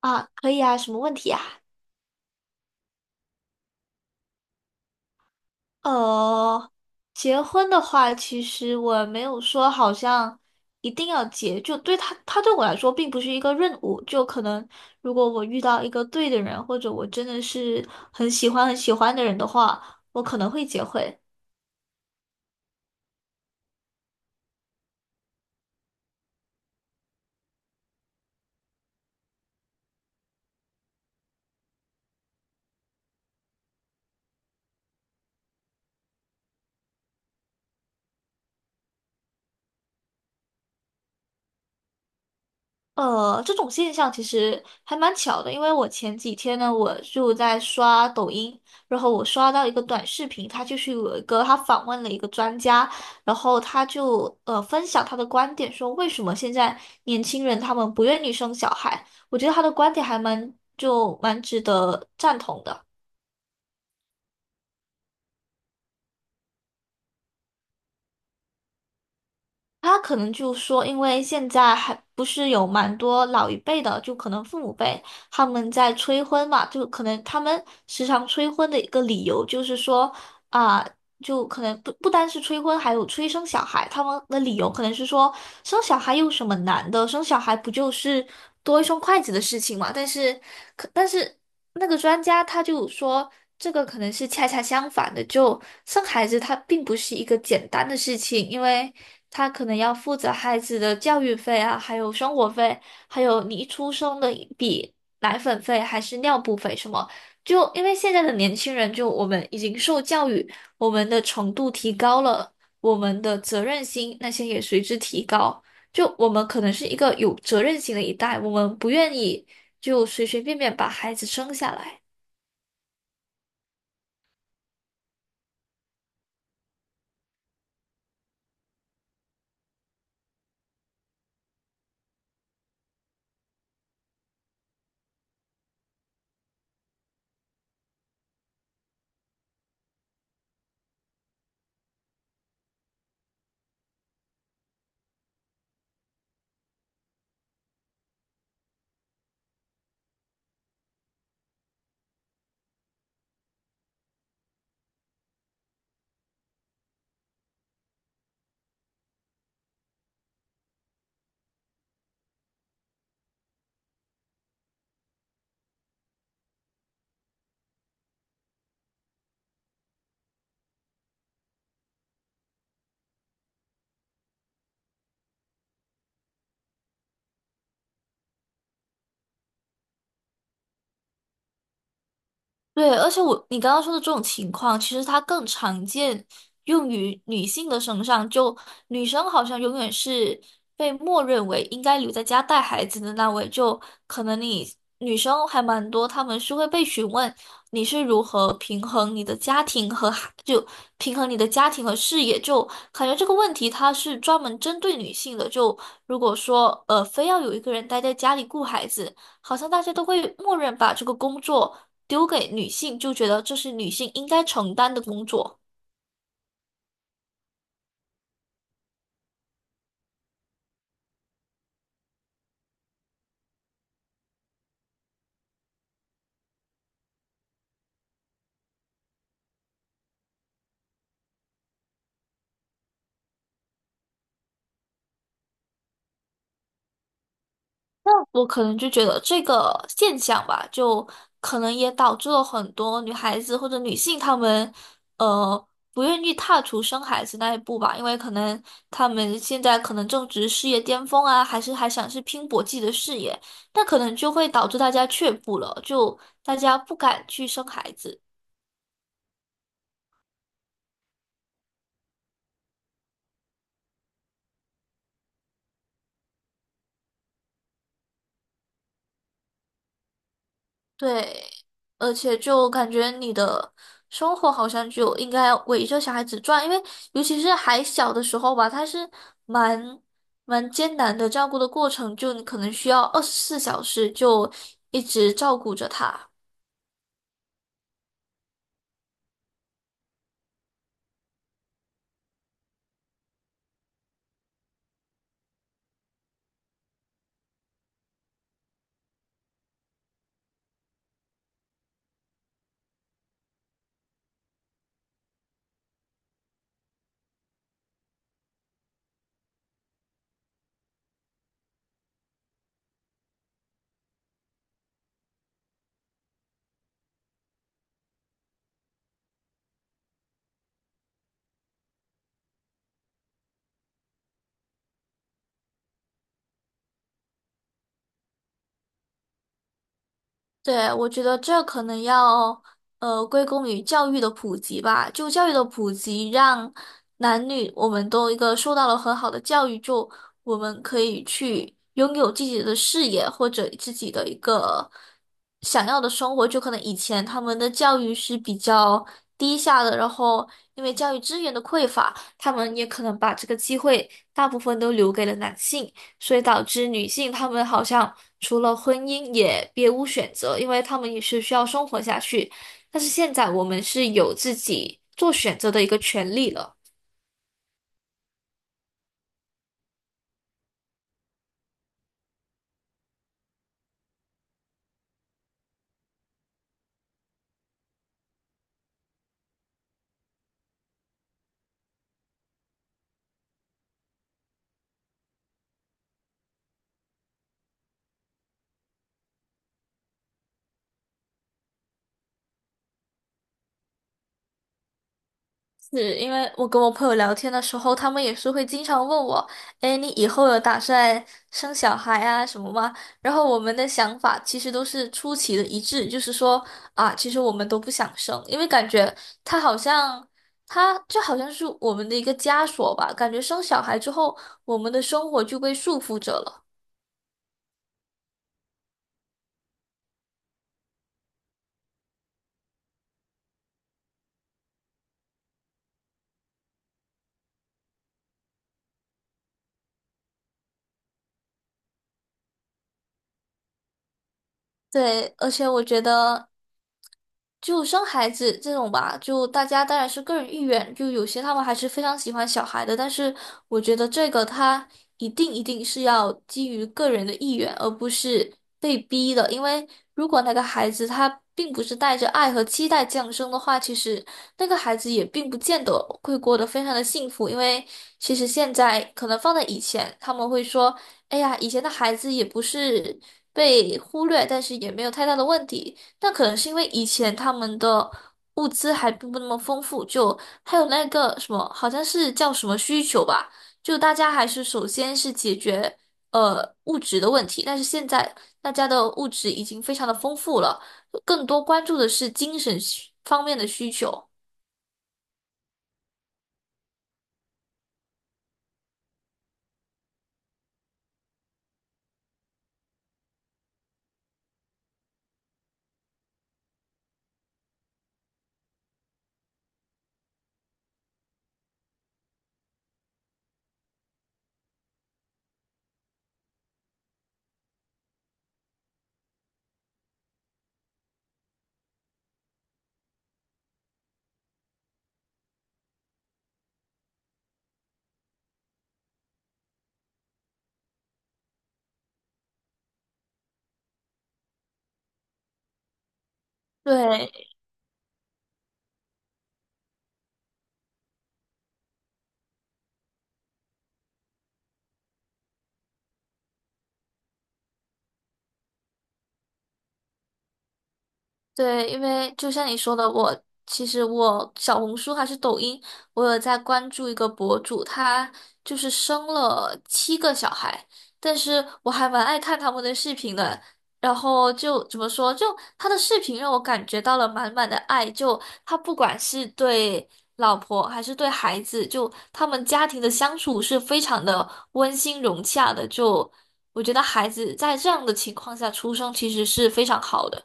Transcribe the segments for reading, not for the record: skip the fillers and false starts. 啊，可以啊，什么问题啊？呃，结婚的话，其实我没有说好像一定要结，就他对我来说并不是一个任务，就可能如果我遇到一个对的人，或者我真的是很喜欢很喜欢的人的话，我可能会结婚。这种现象其实还蛮巧的，因为我前几天呢，我就在刷抖音，然后我刷到一个短视频，它就是有一个他访问了一个专家，然后他就分享他的观点，说为什么现在年轻人他们不愿意生小孩，我觉得他的观点还蛮就蛮值得赞同的。他可能就说，因为现在还不是有蛮多老一辈的，就可能父母辈他们在催婚嘛，就可能他们时常催婚的一个理由就是说啊、就可能不单是催婚，还有催生小孩，他们的理由可能是说生小孩有什么难的，生小孩不就是多一双筷子的事情嘛？但是那个专家他就说，这个可能是恰恰相反的，就生孩子它并不是一个简单的事情，因为他可能要负责孩子的教育费啊，还有生活费，还有你一出生的一笔奶粉费还是尿布费什么。就因为现在的年轻人，就我们已经受教育，我们的程度提高了，我们的责任心那些也随之提高。就我们可能是一个有责任心的一代，我们不愿意。就随随便便把孩子生下来。对，而且你刚刚说的这种情况，其实它更常见用于女性的身上。就女生好像永远是被默认为应该留在家带孩子的那位，就可能你女生还蛮多，她们是会被询问你是如何平衡你的家庭和孩，就平衡你的家庭和事业。就感觉这个问题它是专门针对女性的。就如果说非要有一个人待在家里顾孩子，好像大家都会默认把这个工作。丢给女性，就觉得这是女性应该承担的工作。那我可能就觉得这个现象吧，就可能也导致了很多女孩子或者女性她们，呃，不愿意踏出生孩子那一步吧，因为可能她们现在可能正值事业巅峰啊，还想拼搏自己的事业，那可能就会导致大家却步了，就大家不敢去生孩子。对，而且就感觉你的生活好像就应该围着小孩子转，因为尤其是还小的时候吧，他是蛮蛮艰难的照顾的过程，就你可能需要24小时就一直照顾着他。对，我觉得这可能要归功于教育的普及吧，就教育的普及，让男女我们都一个受到了很好的教育，就我们可以去拥有自己的事业或者自己的一个想要的生活。就可能以前他们的教育是比较低下的，然后因为教育资源的匮乏，他们也可能把这个机会大部分都留给了男性。所以导致女性她们好像除了婚姻也别无选择，因为她们也是需要生活下去。但是现在我们是有自己做选择的一个权利了。是因为我跟我朋友聊天的时候，他们也是会经常问我，哎，你以后有打算生小孩啊什么吗？然后我们的想法其实都是出奇的一致，就是说啊，其实我们都不想生，因为感觉他好像他就好像是我们的一个枷锁吧，感觉生小孩之后，我们的生活就被束缚着了。对，而且我觉得，就生孩子这种吧，就大家当然是个人意愿，就有些他们还是非常喜欢小孩的，但是我觉得这个他一定是要基于个人的意愿，而不是被逼的，因为如果那个孩子他并不是带着爱和期待降生的话，其实那个孩子也并不见得会过得非常的幸福，因为其实现在可能放在以前，他们会说。哎呀，以前的孩子也不是被忽略，但是也没有太大的问题。那可能是因为以前他们的物资还并不那么丰富，就还有那个什么，好像是叫什么需求吧，就大家还是首先是解决物质的问题。但是现在大家的物质已经非常的丰富了，更多关注的是精神需方面的需求。对，对，因为就像你说的，其实我小红书还是抖音，我有在关注一个博主，他就是生了7个小孩，但是我还蛮爱看他们的视频的。然后就怎么说，就他的视频让我感觉到了满满的爱，就他不管是对老婆还是对孩子，就他们家庭的相处是非常的温馨融洽的。就我觉得孩子在这样的情况下出生其实是非常好的。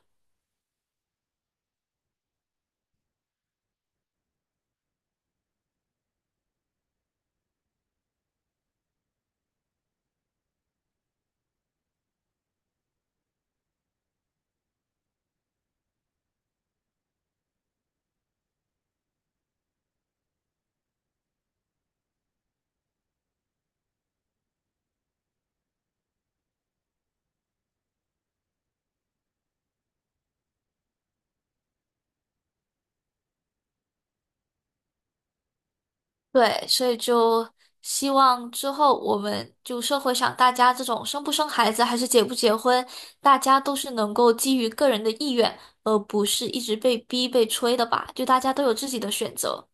对，所以就希望之后我们就社会上大家这种生不生孩子还是结不结婚，大家都是能够基于个人的意愿，而不是一直被逼被催的吧，就大家都有自己的选择。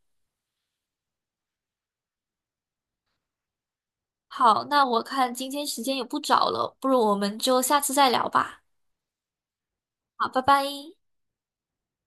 好，那我看今天时间也不早了，不如我们就下次再聊吧。好，拜拜。